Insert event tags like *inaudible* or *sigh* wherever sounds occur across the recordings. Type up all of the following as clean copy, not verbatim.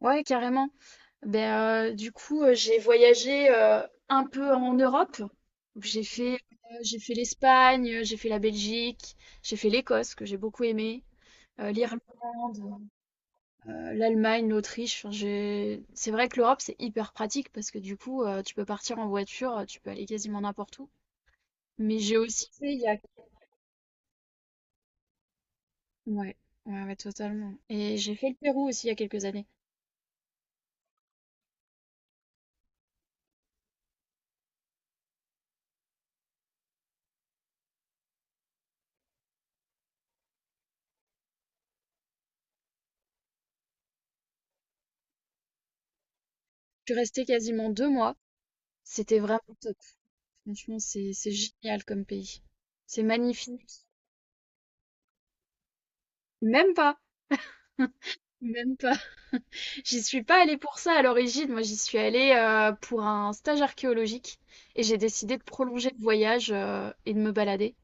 Ouais, carrément. J'ai voyagé un peu en Europe. J'ai fait l'Espagne, j'ai fait la Belgique, j'ai fait l'Écosse, que j'ai beaucoup aimé, l'Irlande, l'Allemagne, l'Autriche. C'est vrai que l'Europe, c'est hyper pratique parce que tu peux partir en voiture, tu peux aller quasiment n'importe où. Mais j'ai aussi fait il y a... Ouais, ouais, ouais, totalement. Et j'ai fait le Pérou aussi il y a quelques années. Je suis restée quasiment deux mois. C'était vraiment top. Franchement, c'est génial comme pays. C'est magnifique. Même pas. Même pas. *laughs* J'y suis pas allée pour ça à l'origine. Moi, j'y suis allée pour un stage archéologique et j'ai décidé de prolonger le voyage et de me balader.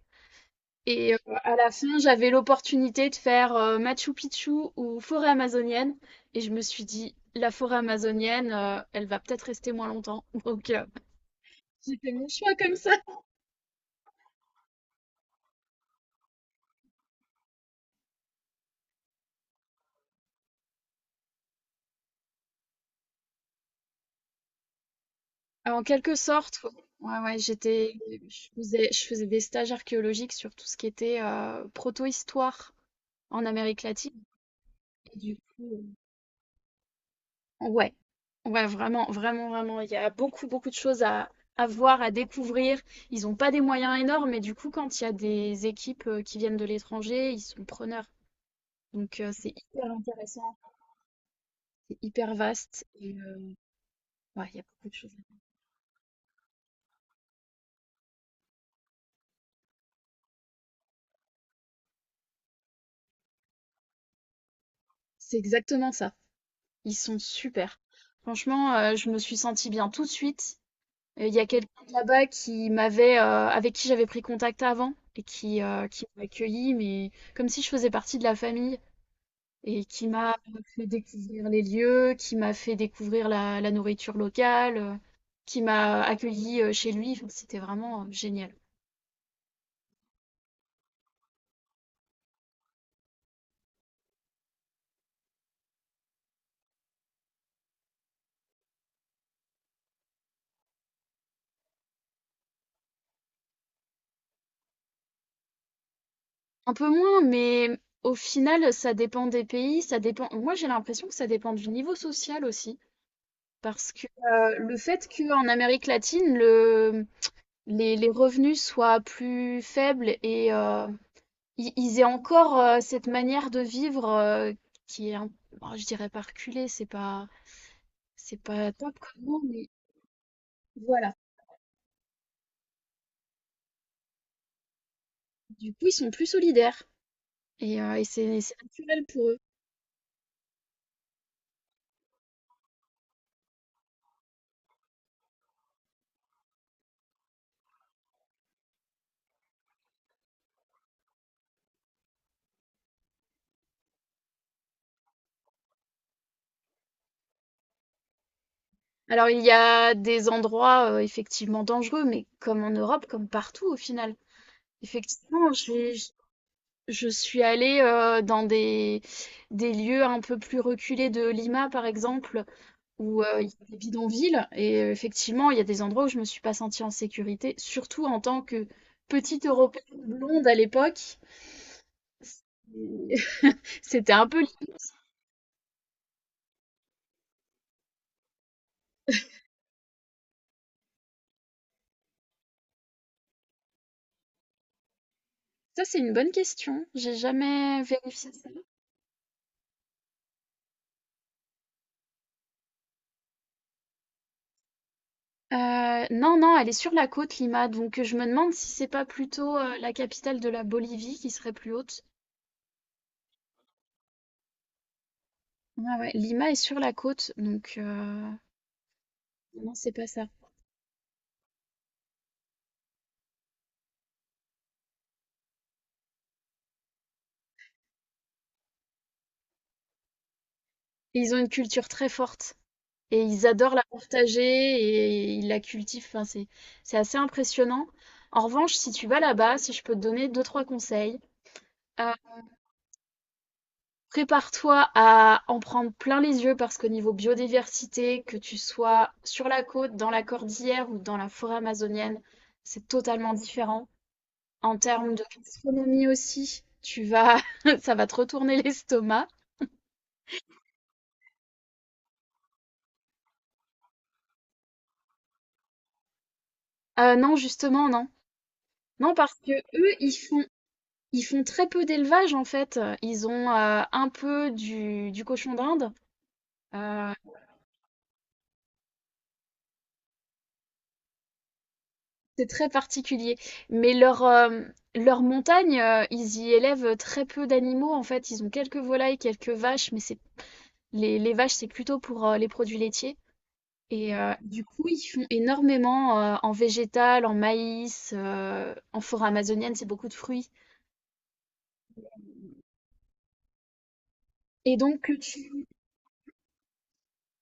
Et euh, à la fin, j'avais l'opportunité de faire Machu Picchu ou forêt amazonienne et je me suis dit, la forêt amazonienne, elle va peut-être rester moins longtemps. *laughs* Donc, j'ai fait mon choix comme ça. En quelque sorte, ouais, ouais, ouais, je faisais des stages archéologiques sur tout ce qui était proto-histoire en Amérique latine. Et du coup, ouais, ouais, vraiment, vraiment, vraiment, il y a beaucoup, beaucoup de choses à voir, à découvrir. Ils n'ont pas des moyens énormes, mais du coup, quand il y a des équipes qui viennent de l'étranger, ils sont preneurs. Donc, c'est hyper intéressant, c'est hyper vaste. Et ouais, il y a beaucoup de choses. C'est exactement ça. Ils sont super. Franchement, je me suis sentie bien tout de suite. Et il y a quelqu'un de là-bas qui m'avait, avec qui j'avais pris contact avant et qui m'a accueilli, mais comme si je faisais partie de la famille et qui m'a fait découvrir les lieux, qui m'a fait découvrir la, la nourriture locale, qui m'a accueilli chez lui. Enfin, c'était vraiment génial. Un peu moins, mais au final, ça dépend des pays, ça dépend. Moi, j'ai l'impression que ça dépend du niveau social aussi, parce que le fait qu'en Amérique latine, le les revenus soient plus faibles et ils aient encore cette manière de vivre qui est, bon, je dirais pas reculée, c'est pas top comme mot, mais voilà. Du coup, ils sont plus solidaires et et c'est naturel pour eux. Alors, il y a des endroits effectivement dangereux, mais comme en Europe, comme partout au final. Effectivement, je suis allée dans des lieux un peu plus reculés de Lima, par exemple où il y a des bidonvilles. Effectivement, il y a des endroits où je me suis pas sentie en sécurité, surtout en tant que petite Européenne blonde à l'époque. *laughs* C'était un peu... Ça, c'est une bonne question. J'ai jamais vérifié ça. Non, non, elle est sur la côte, Lima. Donc, je me demande si c'est pas plutôt la capitale de la Bolivie qui serait plus haute. Ah ouais, Lima est sur la côte, donc non, c'est pas ça. Et ils ont une culture très forte. Et ils adorent la partager et ils la cultivent. Enfin, c'est assez impressionnant. En revanche, si tu vas là-bas, si je peux te donner deux, trois conseils, euh, prépare-toi à en prendre plein les yeux parce qu'au niveau biodiversité, que tu sois sur la côte, dans la cordillère ou dans la forêt amazonienne, c'est totalement différent. En termes de gastronomie aussi, *laughs* ça va te retourner *laughs* l'estomac. Non, justement, non. Non, parce que eux, ils font Ils font très peu d'élevage en fait. Ils ont un peu du cochon d'Inde, heu, c'est très particulier. Mais leur montagne, ils y élèvent très peu d'animaux en fait. Ils ont quelques volailles, quelques vaches, mais c'est les vaches, c'est plutôt pour les produits laitiers et du coup, ils font énormément en végétal, en maïs, en forêt amazonienne, c'est beaucoup de fruits et donc que tu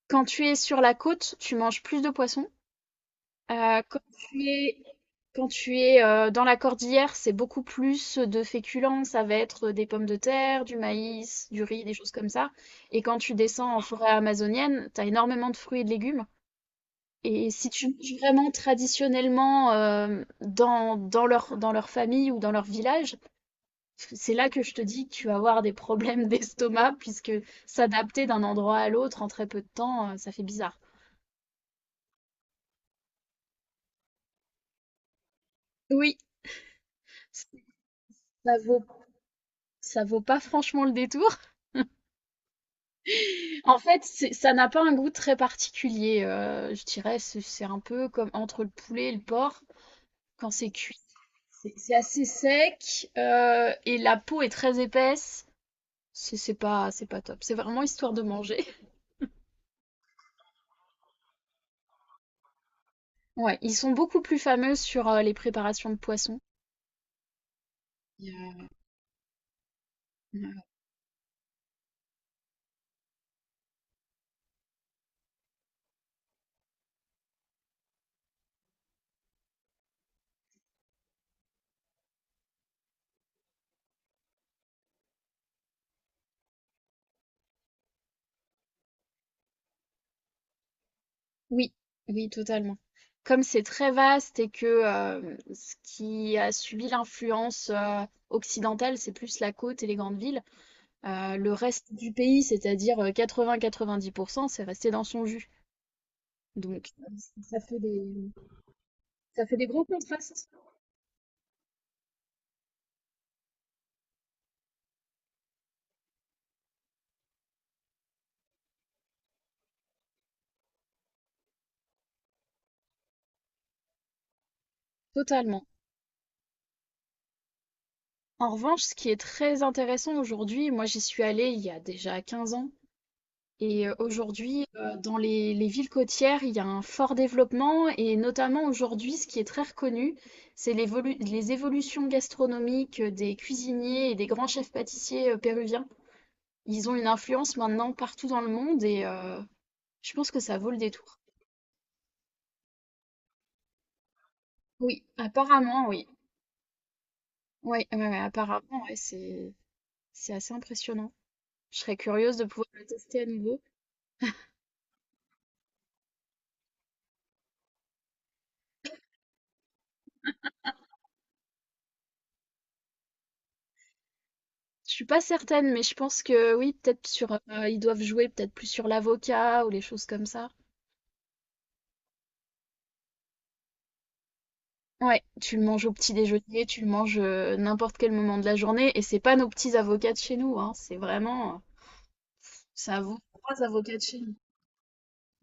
quand tu es sur la côte, tu manges plus de poissons. Euh, quand tu es, Quand tu es dans la cordillère, c'est beaucoup plus de féculents. Ça va être des pommes de terre, du maïs, du riz, des choses comme ça. Et quand tu descends en forêt amazonienne, t'as énormément de fruits et de légumes. Et si tu manges vraiment traditionnellement dans, dans leur famille ou dans leur village, c'est là que je te dis que tu vas avoir des problèmes *laughs* d'estomac, puisque s'adapter d'un endroit à l'autre en très peu de temps, ça fait bizarre. Oui, ça vaut, ça vaut pas franchement le détour. En fait, ça n'a pas un goût très particulier. Je dirais, c'est un peu comme entre le poulet et le porc. Quand c'est cuit, c'est assez sec et la peau est très épaisse. C'est pas top. C'est vraiment histoire de manger. *laughs* Ouais, ils sont beaucoup plus fameux sur les préparations de poissons. Il euh, Oui, oui, totalement. Comme c'est très vaste et que ce qui a subi l'influence occidentale, c'est plus la côte et les grandes villes. Le reste du pays, c'est-à-dire 80-90%, c'est resté dans son jus. Donc, ça fait des, ça fait des gros contrastes. Totalement. En revanche, ce qui est très intéressant aujourd'hui, moi j'y suis allée il y a déjà 15 ans, et aujourd'hui, dans les villes côtières, il y a un fort développement, et notamment aujourd'hui, ce qui est très reconnu, c'est les évolutions gastronomiques des cuisiniers et des grands chefs pâtissiers péruviens. Ils ont une influence maintenant partout dans le monde, et je pense que ça vaut le détour. Oui, apparemment, oui. Ouais, ouais, ouais, apparemment, ouais, c'est assez impressionnant. Je serais curieuse de pouvoir le tester à nouveau. Je suis pas certaine, mais je pense que oui, peut-être sur ils doivent jouer peut-être plus sur l'avocat ou les choses comme ça. Ouais, tu le manges au petit déjeuner, tu le manges n'importe quel moment de la journée, et c'est pas nos petits avocats de chez nous, hein, c'est vraiment, ça vaut trois avocats de chez nous.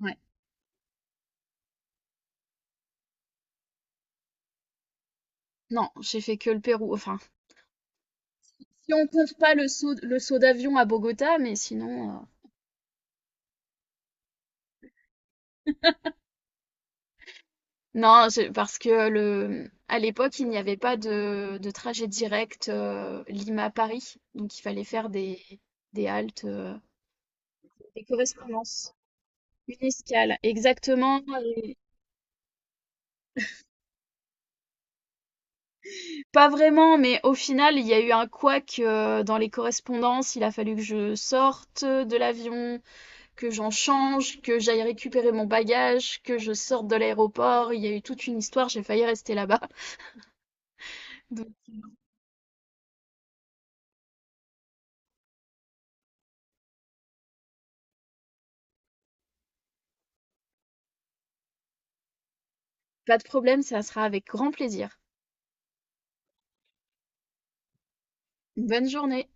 Ouais. Non, j'ai fait que le Pérou. Enfin, si on compte pas le saut d'avion à Bogota, mais sinon. Non, parce que le, à l'époque, il n'y avait pas de, de trajet direct Lima-Paris. Donc, il fallait faire des haltes, des correspondances, une escale. Exactement. et- Pas vraiment, mais au final, il y a eu un couac dans les correspondances. Il a fallu que je sorte de l'avion, que j'en change, que j'aille récupérer mon bagage, que je sorte de l'aéroport. Il y a eu toute une histoire. J'ai failli rester là-bas. Donc, pas de problème, ça sera avec grand plaisir. Bonne journée.